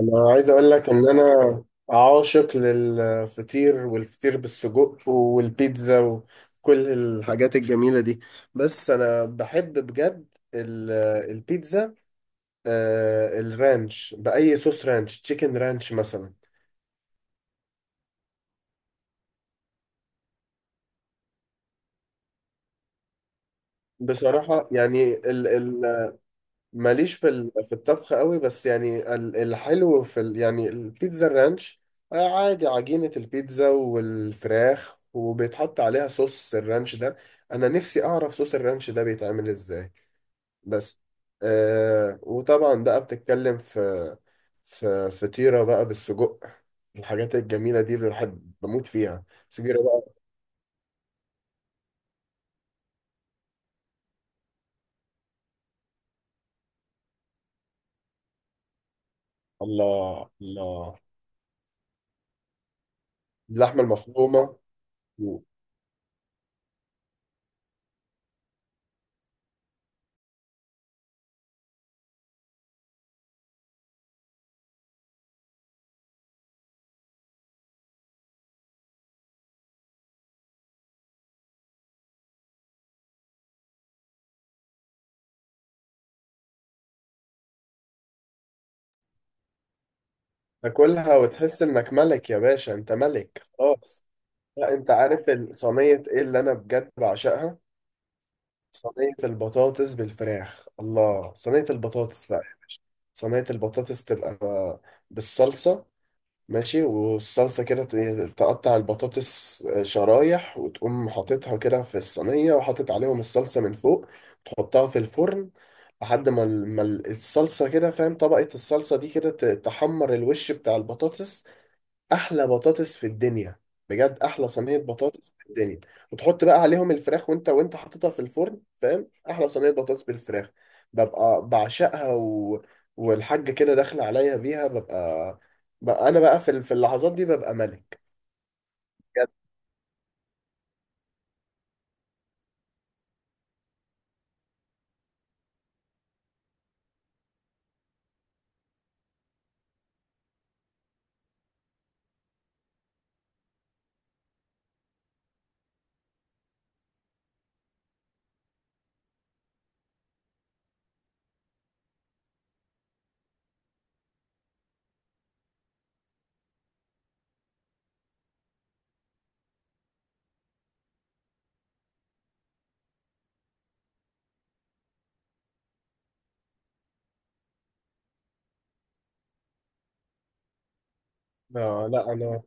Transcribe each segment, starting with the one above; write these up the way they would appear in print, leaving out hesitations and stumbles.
انا عايز اقول لك ان انا عاشق للفطير والفطير بالسجق والبيتزا وكل الحاجات الجميلة دي. بس انا بحب بجد ال- البيتزا الرانش، بأي صوص رانش، تشيكن رانش مثلا. بصراحة يعني ماليش في في الطبخ قوي، بس يعني الحلو في يعني البيتزا الرانش. عادي، عجينة البيتزا والفراخ وبيتحط عليها صوص الرانش ده. انا نفسي اعرف صوص الرانش ده بيتعمل ازاي. بس وطبعا بقى بتتكلم في فطيرة بقى بالسجق، الحاجات الجميلة دي اللي بحب بموت فيها، سجيرة بقى. الله الله، اللحمة المفرومة. تاكلها وتحس انك ملك يا باشا، انت ملك خلاص. لا، انت عارف صينية ايه اللي انا بجد بعشقها؟ صينية البطاطس بالفراخ، الله، صينية البطاطس بقى يا باشا. صينية البطاطس تبقى بالصلصة، ماشي، والصلصة كده تقطع البطاطس شرايح، وتقوم حاططها كده في الصينية، وحاطط عليهم الصلصة من فوق، تحطها في الفرن لحد ما الصلصة كده، فاهم، طبقة الصلصة دي كده تحمر الوش بتاع البطاطس. احلى بطاطس في الدنيا، بجد احلى صينيه بطاطس في الدنيا. وتحط بقى عليهم الفراخ، وانت حاططها في الفرن، فاهم، احلى صينيه بطاطس بالفراخ. ببقى بعشقها، والحاجه كده داخله عليا بيها. ببقى انا بقى في في اللحظات دي ببقى ملك. بجد. لا، انا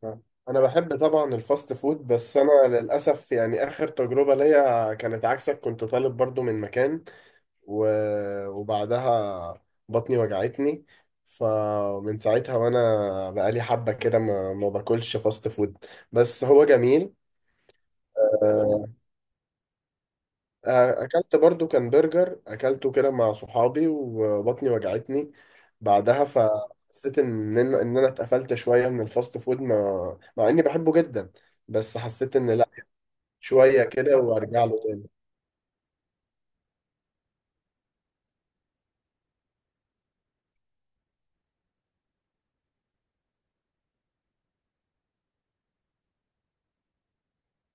انا بحب طبعا الفاست فود، بس انا للاسف يعني اخر تجربه ليا كانت عكسك. كنت طالب برضو من مكان، وبعدها بطني وجعتني، فمن ساعتها وانا بقالي حبة كده ما باكلش فاست فود، بس هو جميل. اكلت برضو، كان برجر اكلته كده مع صحابي، وبطني وجعتني بعدها. فحسيت ان ان إن انا اتقفلت شوية من الفاست فود، ما مع اني بحبه جدا. بس حسيت ان لا، شوية كده وارجع له تاني.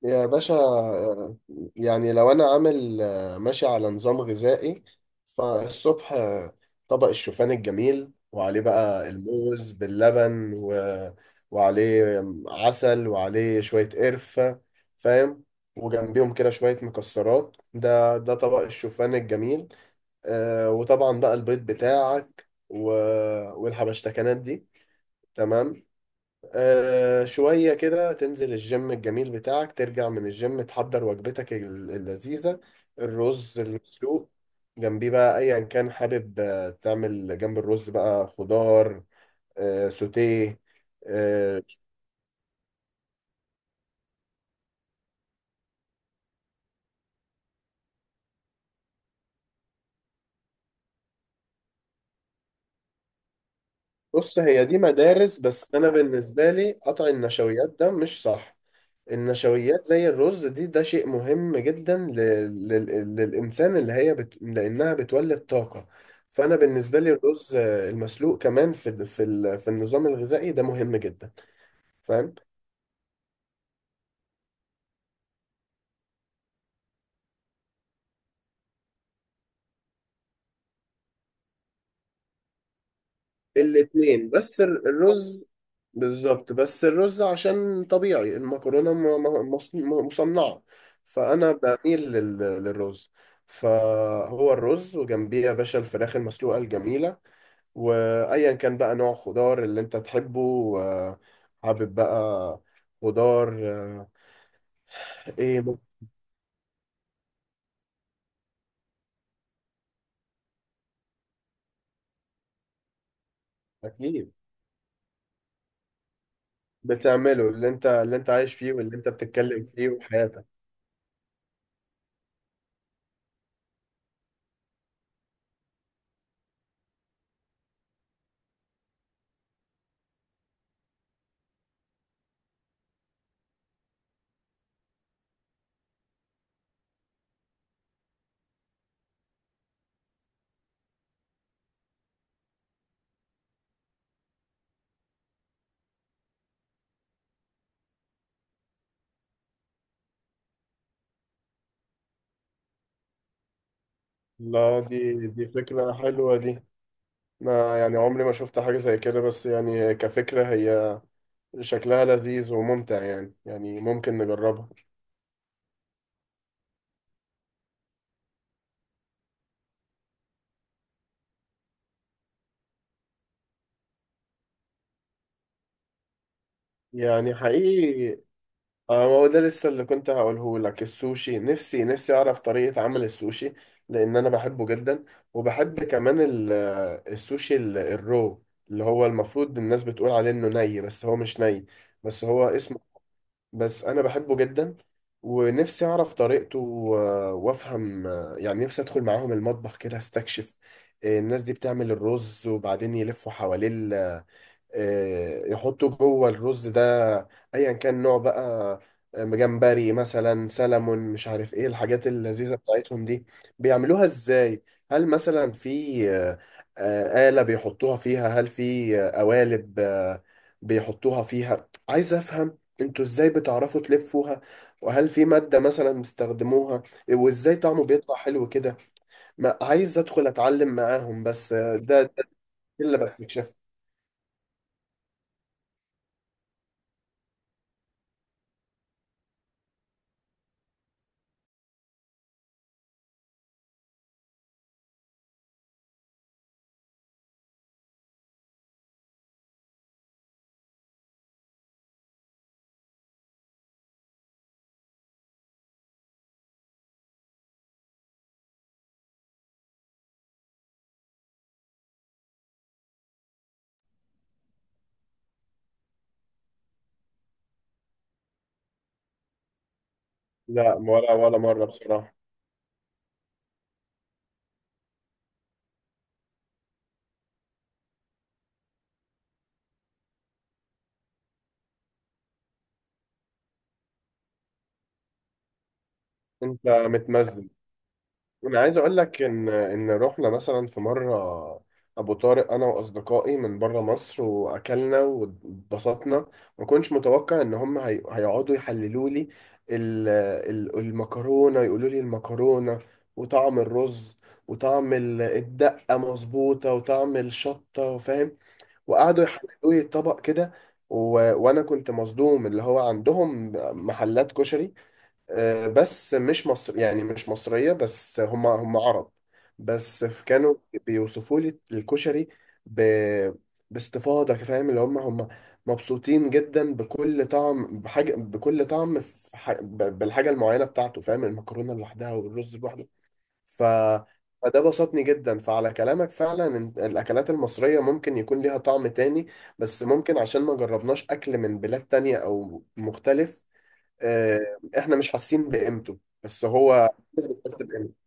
يا باشا، يعني لو انا عامل ماشي على نظام غذائي، فالصبح طبق الشوفان الجميل، وعليه بقى الموز باللبن وعليه عسل، وعليه شوية قرفة، فاهم، وجنبيهم كده شوية مكسرات. ده طبق الشوفان الجميل. وطبعا بقى البيض بتاعك والحبشتكنات دي، تمام. شوية كده تنزل الجيم الجميل بتاعك، ترجع من الجيم تحضر وجبتك اللذيذة، الرز المسلوق، جنبيه بقى أيا كان حابب، تعمل جنب الرز بقى خضار سوتيه. آه بص، هي دي مدارس، بس أنا بالنسبة لي قطع النشويات ده مش صح. النشويات زي الرز دي، ده شيء مهم جدا للإنسان، لأنها بتولد طاقة. فأنا بالنسبة لي الرز المسلوق كمان في في النظام الغذائي ده مهم جدا. فاهم، الاتنين. بس الرز بالظبط، بس الرز عشان طبيعي، المكرونة مصنعة، فأنا بميل للرز. فهو الرز، وجنبيه يا باشا الفراخ المسلوقة الجميلة، وايا كان بقى نوع خضار اللي انت تحبه. آه، حابب بقى خضار ايه اكيد. بتعمله اللي انت عايش فيه واللي انت بتتكلم فيه وحياتك. لا، دي فكرة حلوة دي، ما يعني عمري ما شفت حاجة زي كده، بس يعني كفكرة هي شكلها لذيذ وممتع، يعني ممكن نجربها. يعني حقيقي، اه ما هو ده لسه اللي كنت هقوله لك، السوشي، نفسي اعرف طريقة عمل السوشي، لان انا بحبه جدا. وبحب كمان السوشي الرو، اللي هو المفروض الناس بتقول عليه انه ني بس هو مش ني، بس هو اسمه. بس انا بحبه جدا، ونفسي اعرف طريقته وافهم، يعني نفسي ادخل معاهم المطبخ كده استكشف. الناس دي بتعمل الرز وبعدين يلفوا حواليه، يحطوا جوه الرز ده ايا كان نوع بقى، جمبري مثلا، سلمون، مش عارف ايه الحاجات اللذيذة بتاعتهم دي، بيعملوها ازاي؟ هل مثلا في آلة بيحطوها فيها؟ هل في قوالب بيحطوها فيها؟ عايز افهم انتوا ازاي بتعرفوا تلفوها، وهل في مادة مثلا بيستخدموها، وازاي طعمه بيطلع حلو كده. ما عايز ادخل اتعلم معاهم، بس ده اللي بستكشفه. لا، ولا مرة بصراحة. انت متمزج. انا عايز اقول لك ان رحنا مثلا في مره ابو طارق، انا واصدقائي من بره مصر، واكلنا واتبسطنا. ما كنتش متوقع ان هم هيقعدوا يحللوا لي ال... المكرونه، يقولوا لي المكرونه وطعم الرز وطعم الدقه مظبوطه وطعم الشطه، فاهم، وقعدوا يحللوا لي الطبق كده. و... وانا كنت مصدوم اللي هو عندهم محلات كشري، بس مش مصر، يعني مش مصرية، بس هم عرب. بس كانوا بيوصفوا لي الكشري ب... باستفاضة، فاهم، اللي هم مبسوطين جدا بكل طعم، بحاجة، بكل طعم في بالحاجة المعينة بتاعته، فاهم، المكرونة لوحدها والرز لوحده. ف... فده بسطني جدا، فعلى كلامك فعلا، إن الأكلات المصرية ممكن يكون ليها طعم تاني، بس ممكن عشان ما جربناش أكل من بلاد تانية أو مختلف احنا مش حاسين بقيمته، بس هو الناس بتحس بقيمته.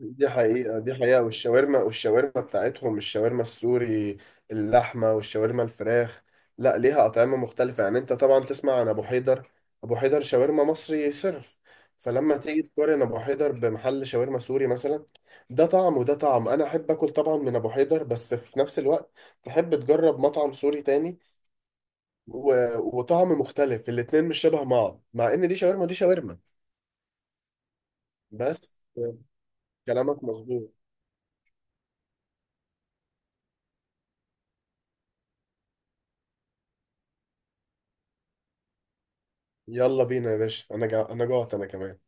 دي حقيقة، دي حقيقة، والشاورما بتاعتهم، الشاورما السوري، اللحمة والشاورما الفراخ، لا ليها أطعمة مختلفة. يعني انت طبعا تسمع عن أبو حيدر، أبو حيدر شاورما مصري صرف، فلما تيجي تقارن أبو حيدر بمحل شاورما سوري مثلا، ده طعم وده طعم. أنا أحب أكل طبعا من أبو حيدر، بس في نفس الوقت تحب تجرب مطعم سوري تاني و... وطعم مختلف، الاتنين مش شبه بعض، مع إن دي شاورما ودي شاورما. بس كلامك مظبوط، يلا بينا يا باشا، انا جوعت، انا كمان.